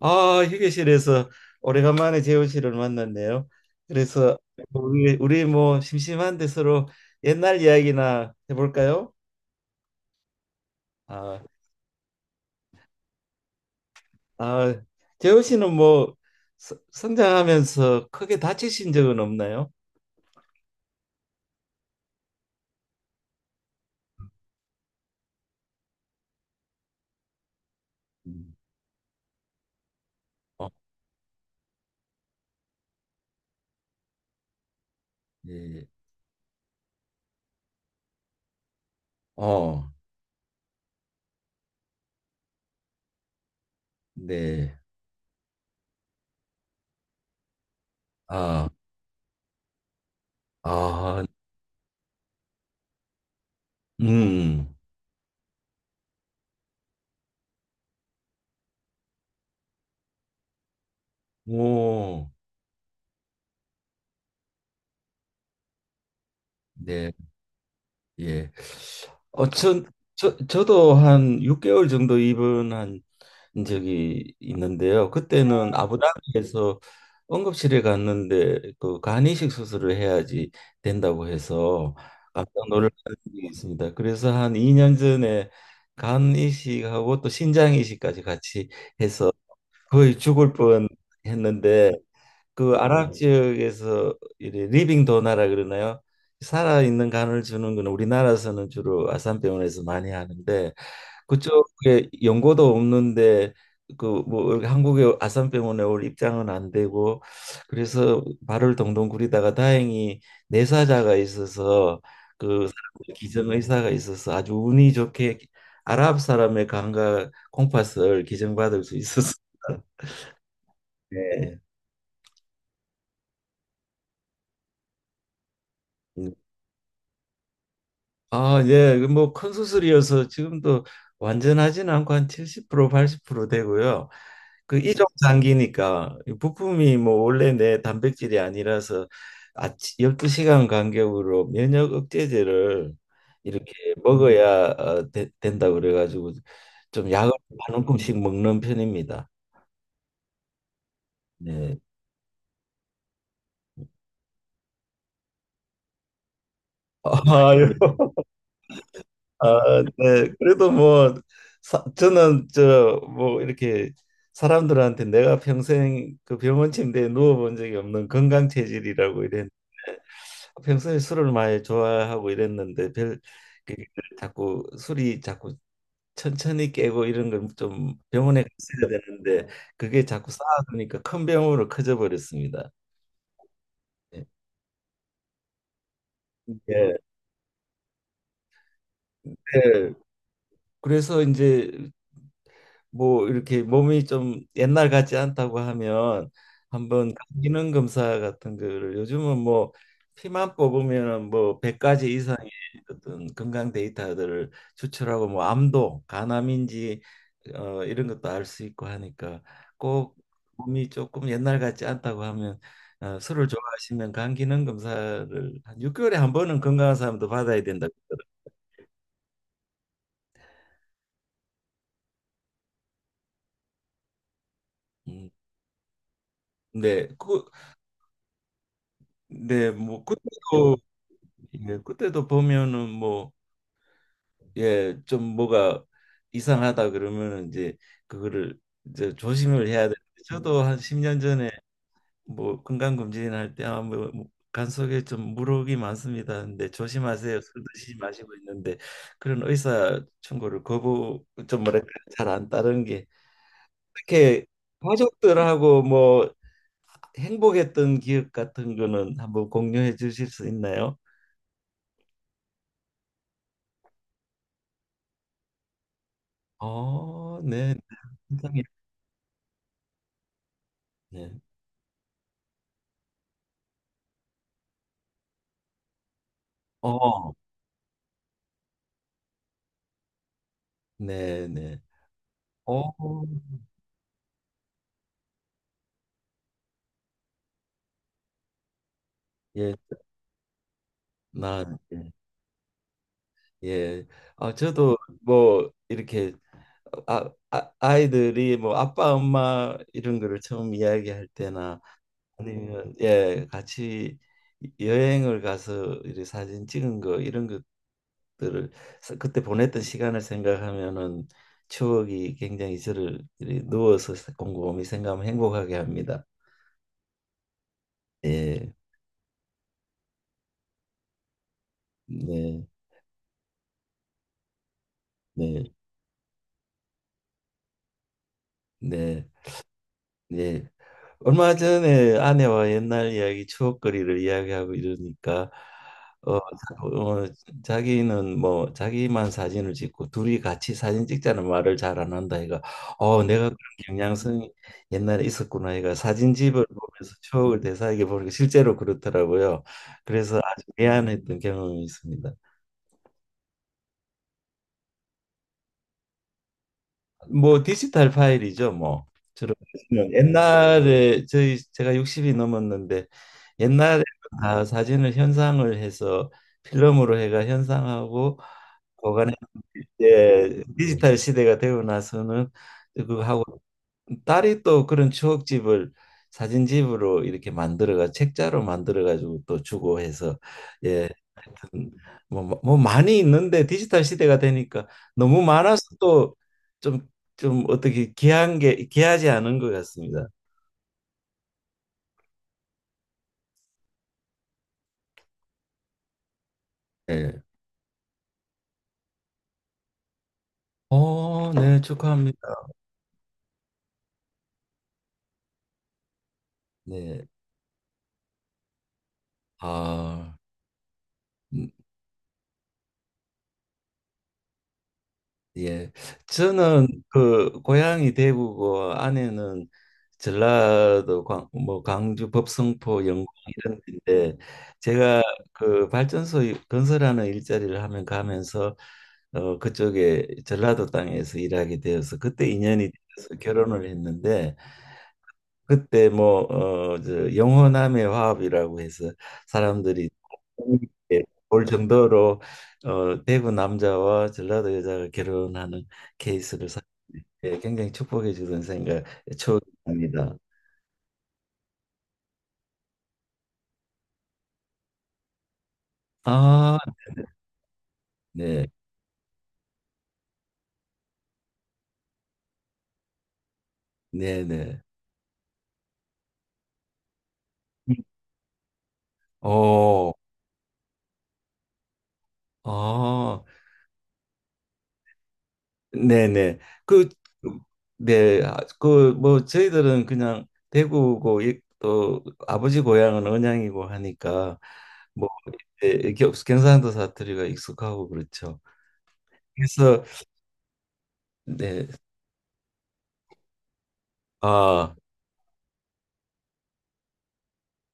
아, 휴게실에서 오래간만에 재호 씨를 만났네요. 그래서 우리 뭐 심심한데 서로 옛날 이야기나 해볼까요? 아, 아, 재호 씨는 뭐 성장하면서 크게 다치신 적은 없나요? 음, 어, 네. 어, 네. 아, 아, 음, 오, 네, 예. 어, 전, 저도 한 6개월 정도 입원한 적이 있는데요. 그때는 아부다비에서 응급실에 갔는데 그 간이식 수술을 해야지 된다고 해서 깜짝 놀란 이 있습니다. 그래서 한 2년 전에 간 이식하고 또 신장 이식까지 같이 해서 거의 죽을 뻔 했는데 그 아랍 지역에서 이래 리빙 도나라 그러나요? 살아있는 간을 주는 거는 우리나라에서는 주로 아산병원에서 많이 하는데 그쪽에 연고도 없는데 그 뭐 한국의 아산병원에 올 입장은 안 되고, 그래서 발을 동동 구리다가 다행히 내사자가 있어서 기정의사가 있어서 아주 운이 좋게 아랍 사람의 감각 콩팥을 기증받을 수 있었습니다. 네. 아, 예. 그 뭐큰 수술이어서 지금도 완전하지는 않고 한 70% 80% 되고요. 그 이종 장기니까 부품이 뭐 원래 내 단백질이 아니라서 아침 12시간 간격으로 면역 억제제를 이렇게 먹어야 된다고 그래가지고 좀 약을 한 움큼씩 먹는 편입니다. 네. 아유. 아, 네. 그래도 뭐 저는 저 뭐 이렇게 사람들한테 내가 평생 그 병원 침대에 누워본 적이 없는 건강 체질이라고 이랬는데, 평소에 술을 많이 좋아하고 이랬는데 별 그, 자꾸 술이 자꾸 천천히 깨고 이런 건 좀 병원에 갔어야 되는데 그게 자꾸 쌓아두니까 큰 병으로 커져 버렸습니다. 예. 네. 그래서 이제 뭐 이렇게 몸이 좀 옛날 같지 않다고 하면 한번 기능 검사 같은 거를, 요즘은 뭐 피만 뽑으면은 뭐 100가지 이상의 어떤 건강 데이터들을 추출하고, 뭐 암도 간암인지 어 이런 것도 알 수 있고 하니까, 꼭 몸이 조금 옛날 같지 않다고 하면 어, 술을 좋아하시면 간 기능 검사를 한 6개월에 한 번은 건강한 사람도 받아야 된다고 그러더라고요. 음. 네, 그, 네, 뭐 그때도 예, 그때도 보면은 뭐, 예, 좀 뭐가 이상하다 그러면은 이제 그거를 이제 조심을 해야 되는데, 저도 한 10년 전에 뭐 건강검진 할 때 아 뭐 간속에 좀 물혹이 많습니다. 근데 조심하세요. 술 드시지 마시고 있는데 그런 의사 충고를 거부 좀 뭐랄까 잘 안 따른 게 이렇게. 가족들하고 뭐 행복했던 기억 같은 거는 한번 공유해 주실 수 있나요? 어, 네. 네. 어, 네, 네. 어, 예, 나, 예. 예. 아, 저도 뭐 이렇게 아이들이 뭐 아빠, 엄마 이런 거를 처음 이야기할 때나, 아니면 예, 같이 여행을 가서 이렇게 사진 찍은 거 이런 것들을, 그때 보냈던 시간을 생각하면은 추억이 굉장히 저를 이렇게 누워서 곰곰이 생각하면 행복하게 합니다. 예. 네. 네. 네. 네. 얼마 전에 아내와 옛날 이야기, 추억거리를 이야기하고 이러니까 어, 어 자기는 뭐 자기만 사진을 찍고 둘이 같이 사진 찍자는 말을 잘 안 한다 얘가. 어 내가 그런 경향성이 옛날에 있었구나, 얘가 사진집을 보면서 추억을 되살게 보니까 실제로 그렇더라고요. 그래서 아주 미안했던 경험이 있습니다. 뭐 디지털 파일이죠, 뭐. 주로. 네. 옛날에 저희 제가 60이 넘었는데, 옛날에 다 사진을 현상을 해서 필름으로 해가 현상하고 보관해. 이제 디지털 시대가 되고 나서는 그거 하고 딸이 또 그런 추억집을 사진집으로 이렇게 만들어가 책자로 만들어 가지고 또 주고 해서 예. 뭐 많이 있는데 디지털 시대가 되니까 너무 많아서 또 좀, 좀 어떻게 귀한 게, 귀하지 않은 것 같습니다. 네. 어, 네, 축하합니다. 네. 아, 예. 저는 그 고향이 대구고 아내는 전라도 광, 뭐 광주 법성포 영광 이런 데인데, 제가 그 발전소 건설하는 일자리를 하면 가면서 그쪽에 전라도 땅에서 일하게 되어서 그때 인연이 돼서 결혼을 했는데, 그때 뭐 영혼함의 화합이라고 해서 사람들이 볼 정도로 대구 남자와 전라도 여자가 결혼하는 케이스를 예, 굉장히 축복해 주던 생각 추억입니다. 아, 네, 네, 네. 어, 아, 네네. 그, 네, 아, 그, 뭐, 저희들은 그냥 대구고, 이- 또 아버지 고향은 언양이고 하니까, 뭐 예, 이렇게 경상도 사투리가 익숙하고 그렇죠. 그래서 네, 아,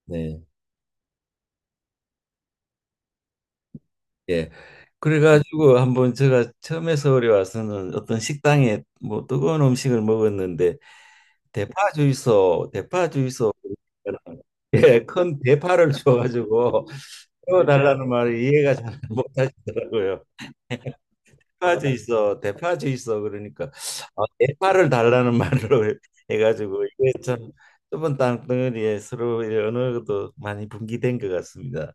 네, 예. 그래가지고 한번 제가 처음에 서울에 와서는 어떤 식당에 뭐 뜨거운 음식을 먹었는데 대파 주이소, 대파 주이소, 예, 큰 대파를 줘가지고 구워달라는 말을 이해가 잘 못하시더라고요. 대파제 있어, 대파제 있어. 그러니까 아, 대파를 달라는 말로 해가지고 이게 참 좁은 땅덩어리에 서로 의 언어도 많이 분기된 것 같습니다.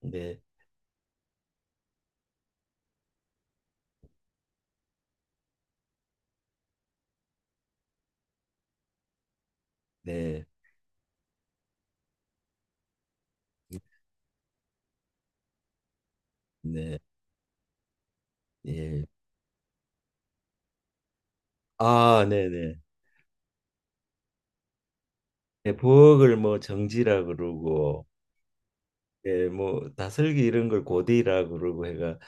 네, 네, 네, 예. 아, 네, 네. 네, 부엌을 뭐 정지라 그러고, 예, 뭐 다슬기 이런 걸 고디라고 그러고 해가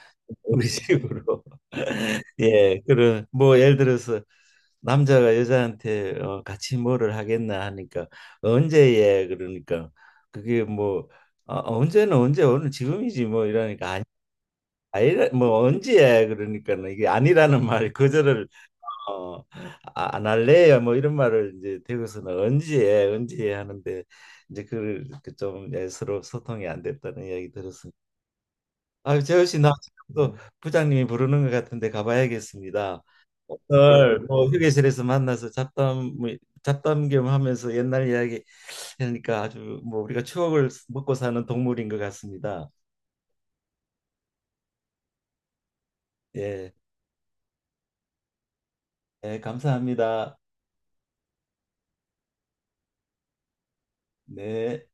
우리 식으로 예, 그런 뭐 예를 들어서 남자가 여자한테 어, 같이 뭐를 하겠나 하니까 언제예 그러니까 그게 뭐 아, 언제는 언제 오늘 지금이지 뭐 이러니까, 아니 아니 뭐 언제야 그러니까는 이게 아니라는 말 거절을 어, 아, 안 할래요. 뭐 이런 말을 이제 대구에서는 언제 해, 언제 해 하는데 이제 그걸 그좀 예, 서로 소통이 안 됐다는 이야기 들었습니다. 아, 재호 씨, 나 지금 또 부장님이 부르는 것 같은데 가봐야겠습니다. 오늘 뭐 휴게실에서 만나서 잡담 뭐 잡담 겸 하면서 옛날 이야기 하니까 아주 뭐 우리가 추억을 먹고 사는 동물인 것 같습니다. 예, 예, 감사합니다. 네.